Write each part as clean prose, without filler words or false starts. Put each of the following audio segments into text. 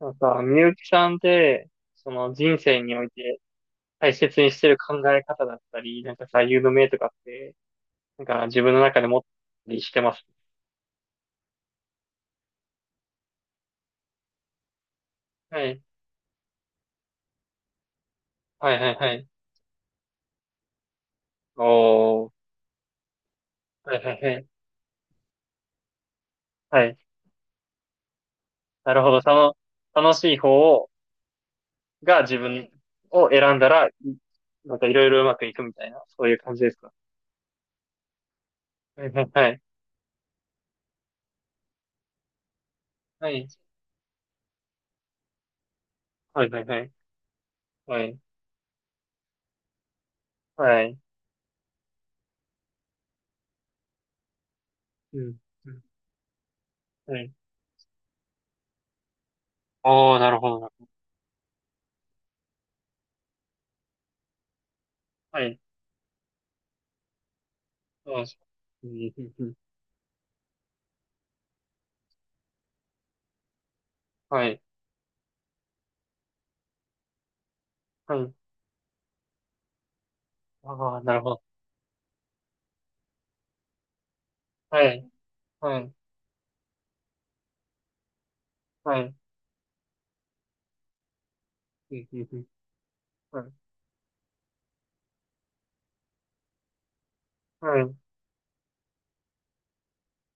なんか、みゆきさんって、その人生において大切にしてる考え方だったり、なんか座右の銘とかって、なんか自分の中で持ったりしてます。はい。はいはいはい。おー。はいはいはい。はい。なるほど。その、楽しい方を、が自分を選んだら、なんかいろいろうまくいくみたいな、そういう感じですか。はいはいはい。はい。はいはいはい。はい。はい。うん。うん。はい。おー、なるほど。はい。そうです。うんうんうん。はい。はい。ああ、なるほど。はい。はい。はい。うん、うん、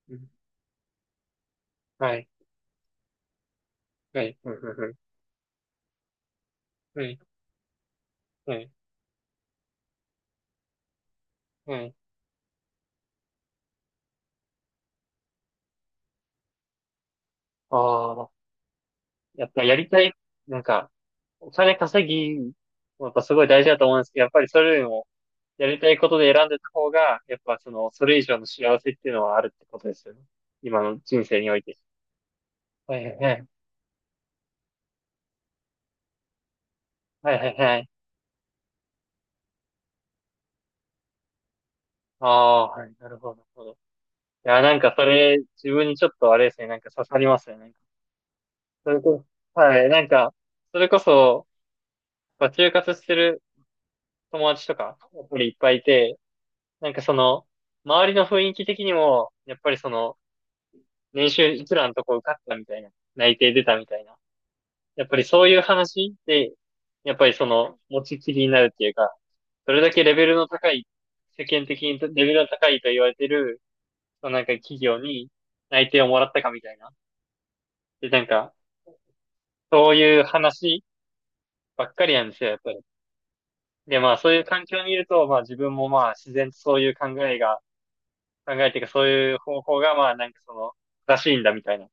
うん。はい。はい。うん。はい。はい。うん、うん、うん。はい。はい。はい。ああ、やっぱやりたい、なんか、お金稼ぎ、やっぱすごい大事だと思うんですけど、やっぱりそれよりも、やりたいことで選んでた方が、やっぱその、それ以上の幸せっていうのはあるってことですよね。今の人生において。はいはいはい。はいはいはい。ああ、はい。なるほど、なるほど。いや、なんかそれ、自分にちょっとあれですね、なんか刺さりますね。それこそ、はい、なんか、それこそ、まあ、就活してる友達とか、やっぱりいっぱいいて、なんかその、周りの雰囲気的にも、やっぱりその、年収いくらのとこ受かったみたいな、内定出たみたいな、やっぱりそういう話で、やっぱりその、持ちきりになるっていうか、それだけレベルの高い、世間的にレベルの高いと言われてる、そのなんか企業に内定をもらったかみたいな。で、なんか、そういう話ばっかりなんですよ、やっぱり。で、まあそういう環境にいると、まあ自分もまあ自然とそういう考えが、考えていうかそういう方法がまあなんかその正しいんだみたいな。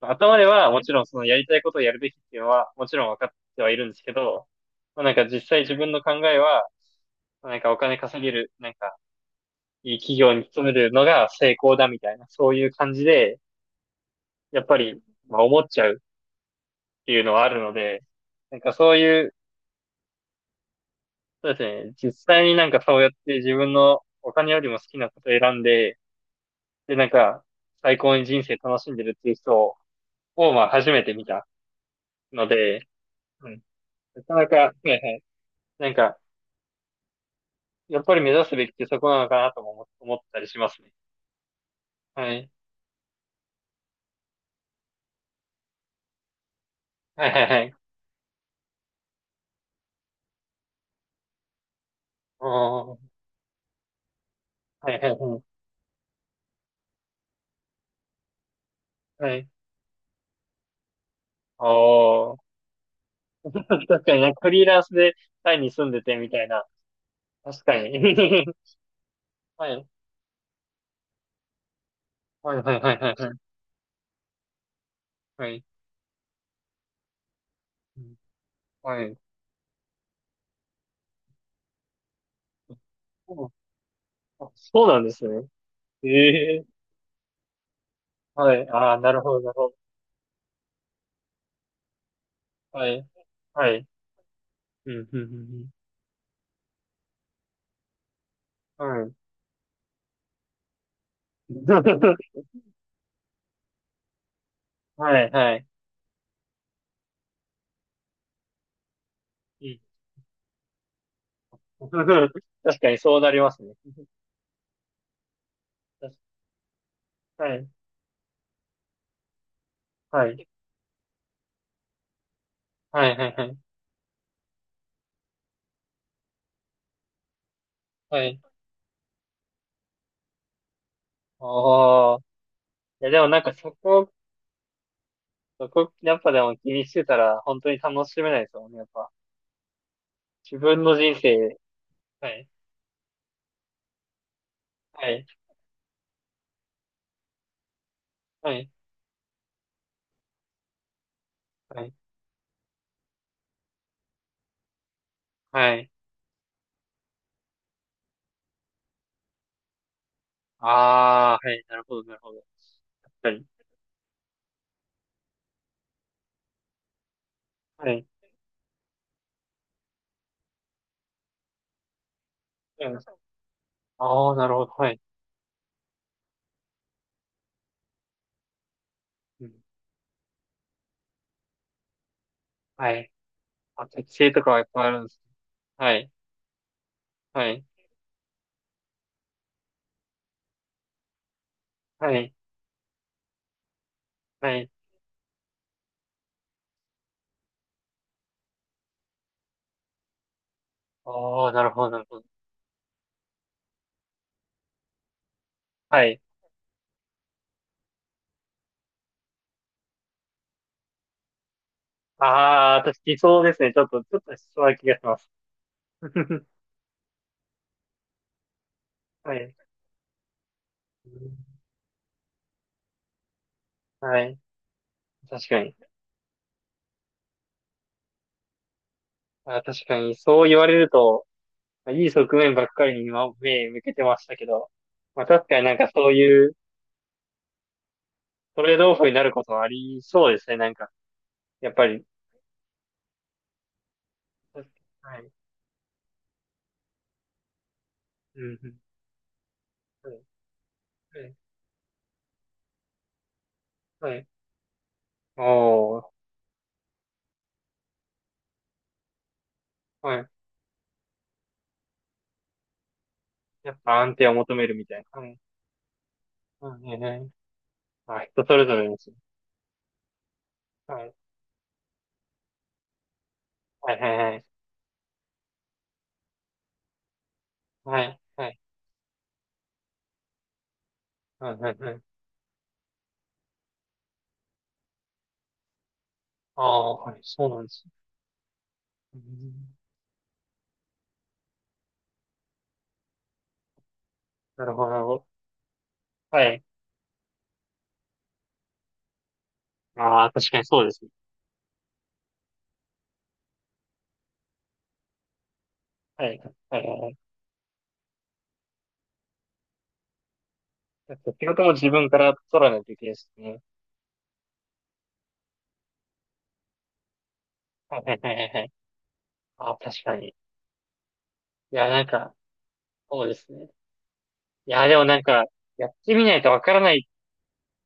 頭ではもちろんそのやりたいことをやるべきっていうのはもちろん分かってはいるんですけど、まあなんか実際自分の考えは、まあなんかお金稼げる、なんかいい企業に勤めるのが成功だみたいな、そういう感じで、やっぱりまあ思っちゃうっていうのはあるので、なんかそういう、そうですね、実際になんかそうやって自分のお金よりも好きなことを選んで、で、なんか、最高に人生楽しんでるっていう人を、まあ、初めて見たので、うん。なかなか、はいはい。なんか、やっぱり目指すべきってそこなのかなとも思ったりしますね。はい。はいはいはい。おー。はいはいはい。はい。おー。確かになんかフリーランスでタイに住んでてみたいな。確かに。はい。はいはいはいはいはい。はい。うん。はい。そう、あ、そうなんですね。ええ。はい。ああ、なるほどなるほど。はい。はい。うん、うん、うん。うん。はい。はい、はい。うん。 確かにそうなりますね。確か、はい、はい。はい、はい、はい。はい。おー。いや、でもなんかそこ、そこ、やっぱでも気にしてたら、本当に楽しめないですもんね、やっぱ。自分の人生、はい、はい、はい、はい、はい。あー、はい、なるほど、なるほど。確かに。はい。うん。あー、なるほど、はい。うん。はい。あ、適性とかはいっぱいあるんです。はい、はい、はい。はい。ああ、なるほど、なるほど。はい。ああ、私、理想ですね。ちょっと、ちょっとしそうな気がします。はい。はい。確かに。あ、確かに、そう言われると、いい側面ばっかりに今、目向けてましたけど、まあ確かになんかそういうトレードオフになることはありそうですね。なんか、やっぱり。はい。うん、うん。はい。はい。はい。おー。はい。やっぱ安定を求めるみたいな。はい。はい。はい。はい。まあ人それぞれですね。はい。はい。はい。はい。はい、はい、はい、はい、はい。ああ、はい、そうなんですね。うん。なるほど。なるほど。はい。ああ、確かにそうですね。はい、はい、はいはい。だって仕事も自分から取らないといけないですね。はい、はい、はい、はいはい。ああ、確かに。いや、なんか、そうですね。いや、でもなんか、やってみないとわからない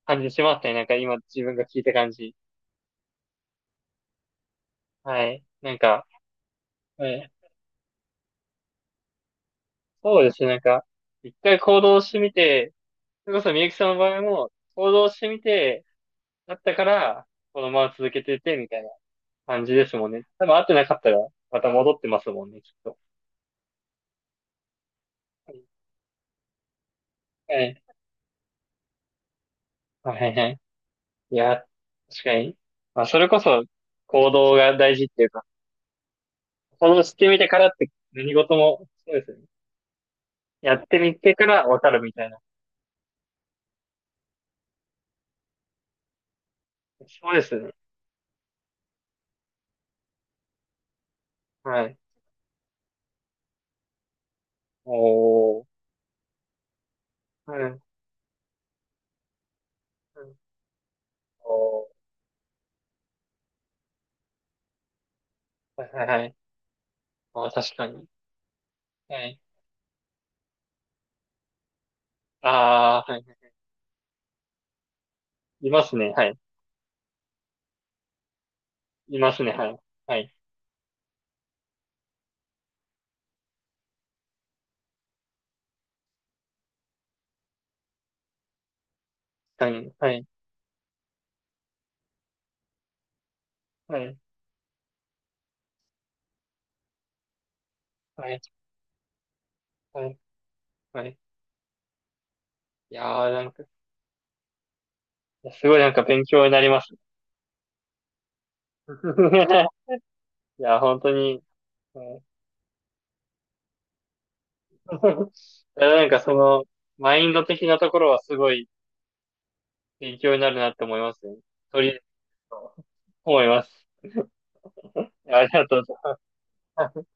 感じしますね。なんか今自分が聞いた感じ。はい。なんか、はい。そうですね。なんか、一回行動してみて、それこそみゆきさんの場合も、行動してみて、だったから、このまま続けてて、みたいな感じですもんね。多分会ってなかったら、また戻ってますもんね、きっと。はい。はいはい。いや、確かに。まあ、それこそ行動が大事っていうか、行動してみてからって何事も、そうですね。やってみてからわかるみたいな。そうですね。はい。おー。うん。うん。おー。はいはいはい。あー、確かに。はい。ああ、はい。いますね。はい。いますね。はい。はい。確かに。はい。はい。はい。はい、はい。いやー、なんか、いやすごいなんか勉強になりますね。いや、本当に、はい。 いや、なんかその、マインド的なところはすごい勉強になるなって思いますね。とりあえず、思います。いやありがとうございます。